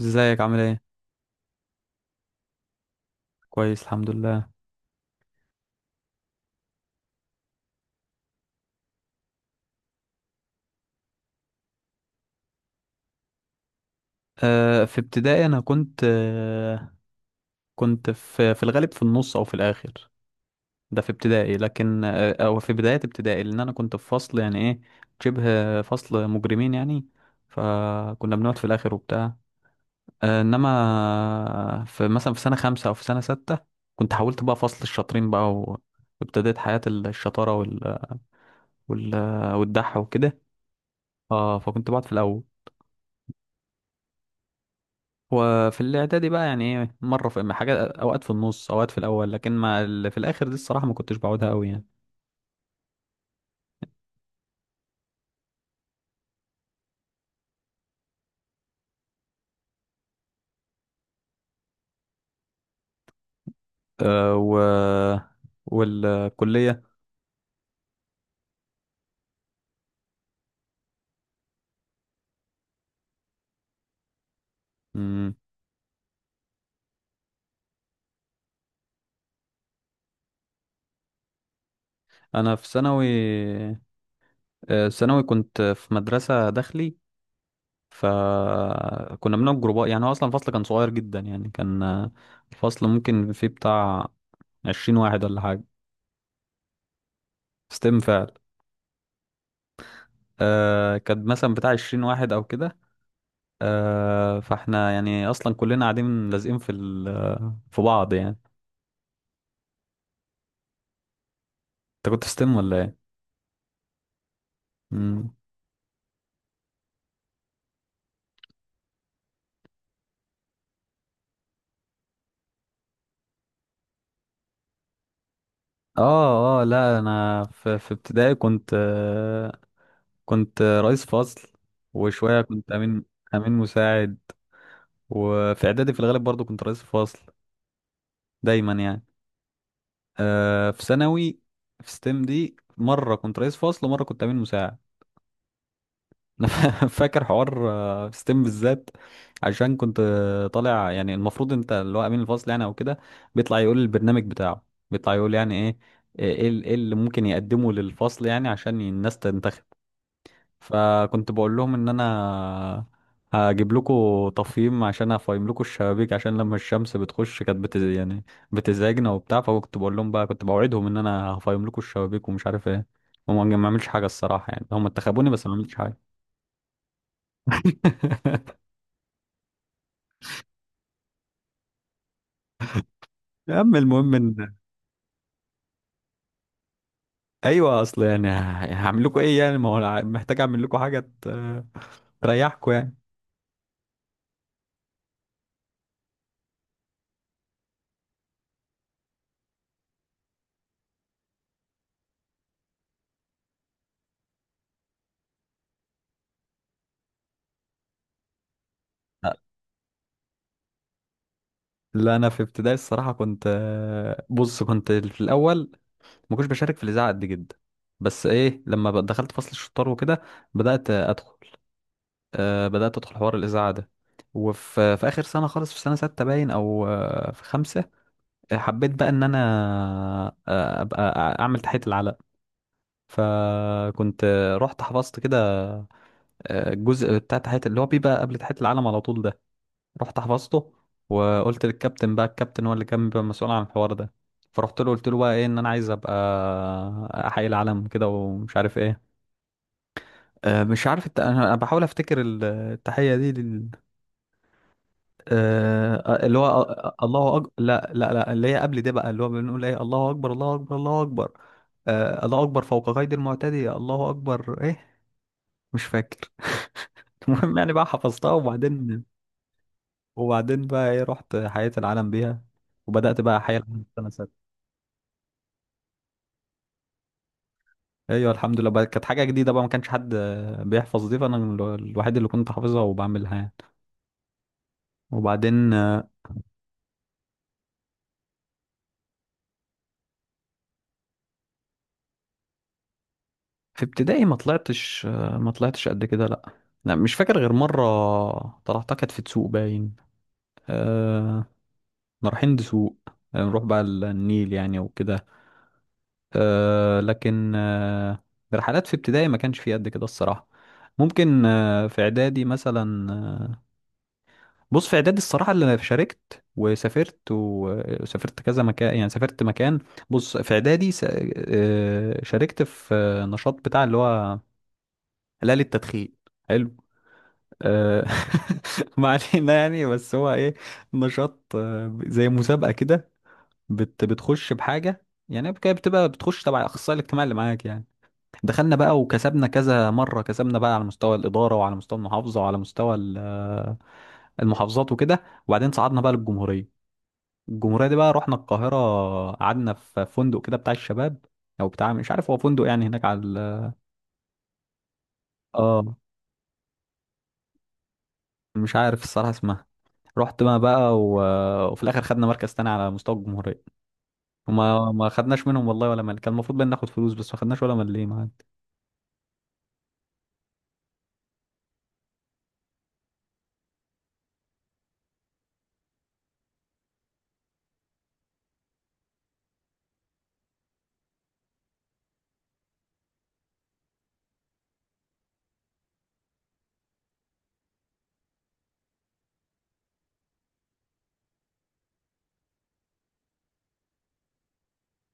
ازيك عامل ايه؟ كويس الحمد لله. في ابتدائي انا كنت في الغالب في النص او في الاخر. ده في ابتدائي، لكن او في بداية ابتدائي، لان انا كنت في فصل يعني ايه، شبه فصل مجرمين يعني، فكنا بنقعد في الاخر وبتاع. انما مثلا في سنة 5 او في سنة 6، كنت حاولت بقى فصل الشاطرين بقى، وابتديت حياة الشطارة وال والدح وكده. اه فكنت بقعد في الاول. وفي الاعدادي بقى، يعني ايه، مره في حاجات، اوقات في النص، اوقات في الاول، لكن ما ال- في الاخر دي الصراحه ما كنتش بعودها قوي يعني. أه و والكليه مم. انا في ثانوي، ثانوي كنت في مدرسه داخلي، فكنا بنقعد جروبات. يعني هو اصلا الفصل كان صغير جدا، يعني كان آه، الفصل ممكن فيه بتاع 20 واحد ولا حاجه. ستيم فعلا. كان مثلا بتاع 20 واحد او كده. فاحنا يعني اصلا كلنا قاعدين لازقين في بعض يعني. انت كنت في ستيم ولا ايه؟ مم. اه اه، لا انا في ابتدائي كنت رئيس فصل، وشويه كنت امين مساعد. وفي اعدادي في الغالب برضو كنت رئيس فصل دايما يعني. في ثانوي، في ستيم، دي مره كنت رئيس فصل ومره كنت امين مساعد. انا فاكر حوار ستيم بالذات، عشان كنت آه، طالع، يعني المفروض انت اللي هو امين الفصل يعني او كده، بيطلع يقول البرنامج بتاعه، بيطلع يقول يعني إيه اللي ممكن يقدمه للفصل، يعني عشان الناس تنتخب. فكنت بقول لهم ان انا هجيب لكم تفهيم، عشان افهم لكم الشبابيك، عشان لما الشمس بتخش كانت بت يعني بتزعجنا وبتاع. فكنت بقول لهم بقى، كنت بوعدهم ان انا هفهم لكم الشبابيك ومش عارف ايه. هم ما عملش حاجه الصراحه يعني، هم انتخبوني بس ما عملتش حاجه. يا عم المهم ان ايوه، اصل يعني هعمل لكم ايه يعني؟ ما هو أنا محتاج اعمل لكم حاجه تريحكم يعني. لا انا في ابتدائي الصراحه كنت آه، بص، كنت في الاول ما كنتش بشارك في الاذاعه قد جدا. بس ايه، لما بقى دخلت فصل الشطار وكده، بدات ادخل بدات ادخل حوار الاذاعه ده. في اخر سنه خالص، في سنه 6 باين، او في خمسه، حبيت بقى ان انا ابقى اعمل تحيه العلم. فكنت رحت حفظت كده الجزء بتاع تحية اللي هو بيبقى قبل تحية العلم على طول ده، رحت حفظته. وقلت للكابتن بقى، الكابتن هو اللي كان بيبقى مسؤول عن الحوار ده، فرحت له قلت له بقى ايه، ان انا عايز ابقى احيي العلم كده ومش عارف ايه. مش عارف انا بحاول افتكر التحية دي. اللي هو الله أكبر، لا لا لا، اللي هي قبل ده بقى، اللي هو بنقول ايه، الله اكبر، الله اكبر، الله اكبر. الله اكبر فوق قيد المعتدي، الله اكبر، ايه، مش فاكر. المهم يعني بقى حفظتها، وبعدين بقى ايه رحت حياة العالم بيها، وبدأت بقى احيي العالم سنة ستة. ايوه الحمد لله بقى، كانت حاجة جديدة بقى، ما كانش حد بيحفظ دي، فانا الوحيد اللي كنت حافظها وبعملها يعني. وبعدين آه، في ابتدائي ما طلعتش قد كده، لا. لا، مش فاكر غير مرة طلعتها، كانت في تسوق باين. أه كنا رايحين دسوق، نروح بقى النيل يعني وكده. لكن رحلات في ابتدائي ما كانش في قد كده الصراحة. ممكن في اعدادي مثلا. بص في اعدادي الصراحه، اللي انا شاركت وسافرت وسافرت كذا مكان، يعني سافرت مكان. بص في اعدادي شاركت في نشاط بتاع اللي هو هلال التدخين. حلو. آه، ما علينا يعني، بس هو ايه، نشاط زي مسابقه كده، بتخش بحاجه يعني كده، بتبقى بتخش تبع الاخصائي الاجتماعي اللي معاك يعني. دخلنا بقى وكسبنا كذا مره، كسبنا بقى على مستوى الاداره، وعلى مستوى المحافظه، وعلى مستوى المحافظات وكده. وبعدين صعدنا بقى للجمهوريه. الجمهورية دي بقى رحنا القاهرة، قعدنا في فندق كده بتاع الشباب، أو بتاع مش عارف هو فندق يعني، هناك على اه مش عارف الصراحة اسمها. رحت ما بقى وفي الآخر خدنا مركز تاني على مستوى الجمهورية. وما ما خدناش منهم والله ولا مال. كان المفروض بقى ناخد فلوس، بس ما خدناش ولا مال معانا.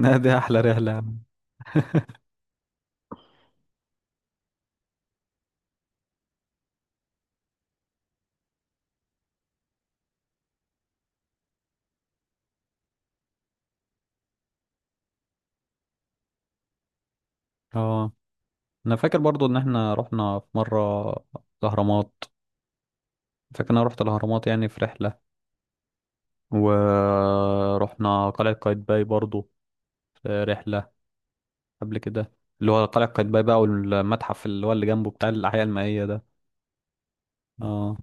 لا، دي أحلى رحلة يا عم. اه، أنا فاكر برضو إن إحنا رحنا في مرة الأهرامات، فاكر إن أنا رحت الأهرامات يعني في رحلة، ورحنا قلعة قايتباي برضو في رحلة قبل كده، اللي هو قلعة قايتباي بقى والمتحف اللي هو اللي جنبه بتاع الأحياء المائية ده. اه.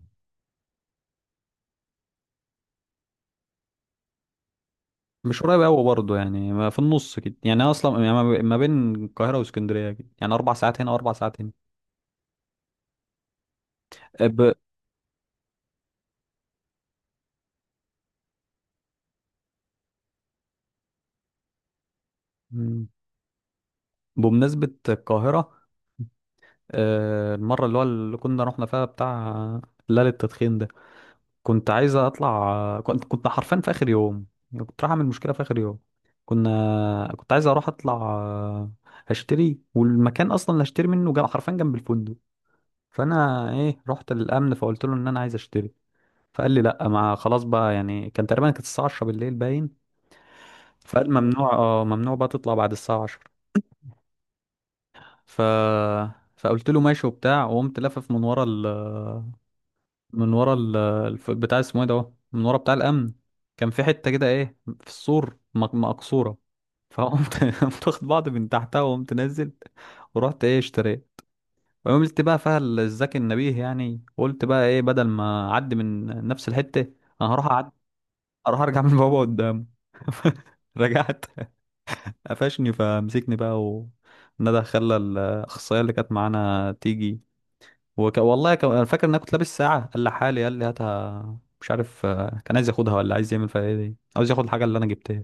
مش قريب أوي برضه يعني، ما في النص كده يعني، أنا أصلا يعني ما بين القاهرة واسكندرية كده يعني 4 ساعات هنا، 4 ساعات هنا. أه، ب... مم. بمناسبة القاهرة، المرة اللي كنا رحنا فيها بتاع ليلة التدخين ده، كنت عايز أطلع. كنت حرفيا في آخر يوم، يعني كنت رايح أعمل مشكلة في آخر يوم. كنت عايز أروح أطلع هشتري. والمكان اصلا اللي هشتري منه جنب، حرفيا جنب الفندق. فانا ايه، رحت للامن فقلت له ان انا عايز اشتري. فقال لي لا، ما خلاص بقى، يعني كان تقريبا كانت الساعه 10 بالليل باين. فقال ممنوع، اه ممنوع بقى تطلع بعد الساعه 10. ف فقلت له ماشي وبتاع، وقمت لافف من ورا من ورا بتاع اسمه ايه ده، اهو، من ورا بتاع الامن. كان في حته كده ايه، في السور، مقصوره، فقمت قمت واخد بعض من تحتها، وقمت نازل، ورحت ايه اشتريت. وعملت بقى فيها الذكي النبيه يعني، قلت بقى ايه بدل ما اعدي من نفس الحته، انا هروح اعدي، اروح ارجع من بابا قدام. رجعت، قفشني، فمسكني بقى وندى، خلى الاخصائيه اللي كانت معانا تيجي. والله انا فاكر ان انا كنت لابس ساعه، قال لي حالي، قال لي هاتها. مش عارف كان عايز ياخدها ولا عايز يعمل فيها ايه، دي عاوز ياخد الحاجه اللي انا جبتها.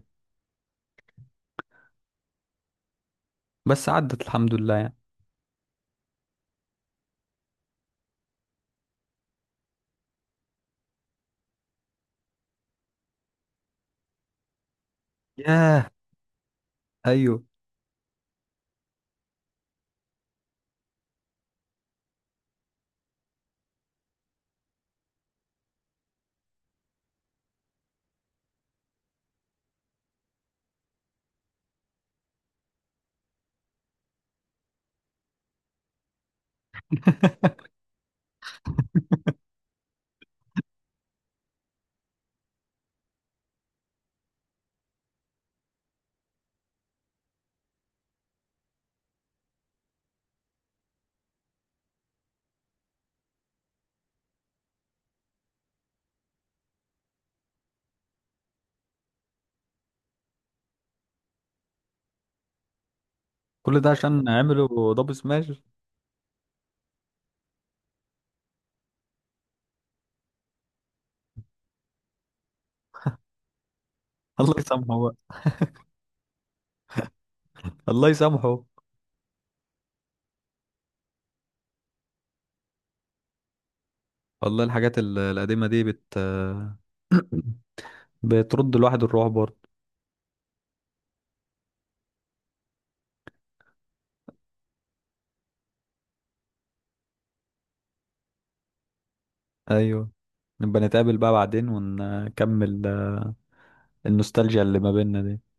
بس عدت الحمد لله يعني. ياه، ايوه. كل ده عشان عملوا دبل سماش. الله يسامحه بقى. الله يسامحه. والله الحاجات القديمة دي بترد الواحد الروح برضه. ايوه، نبقى نتقابل بقى بعدين ونكمل النوستالجيا اللي ما بيننا دي.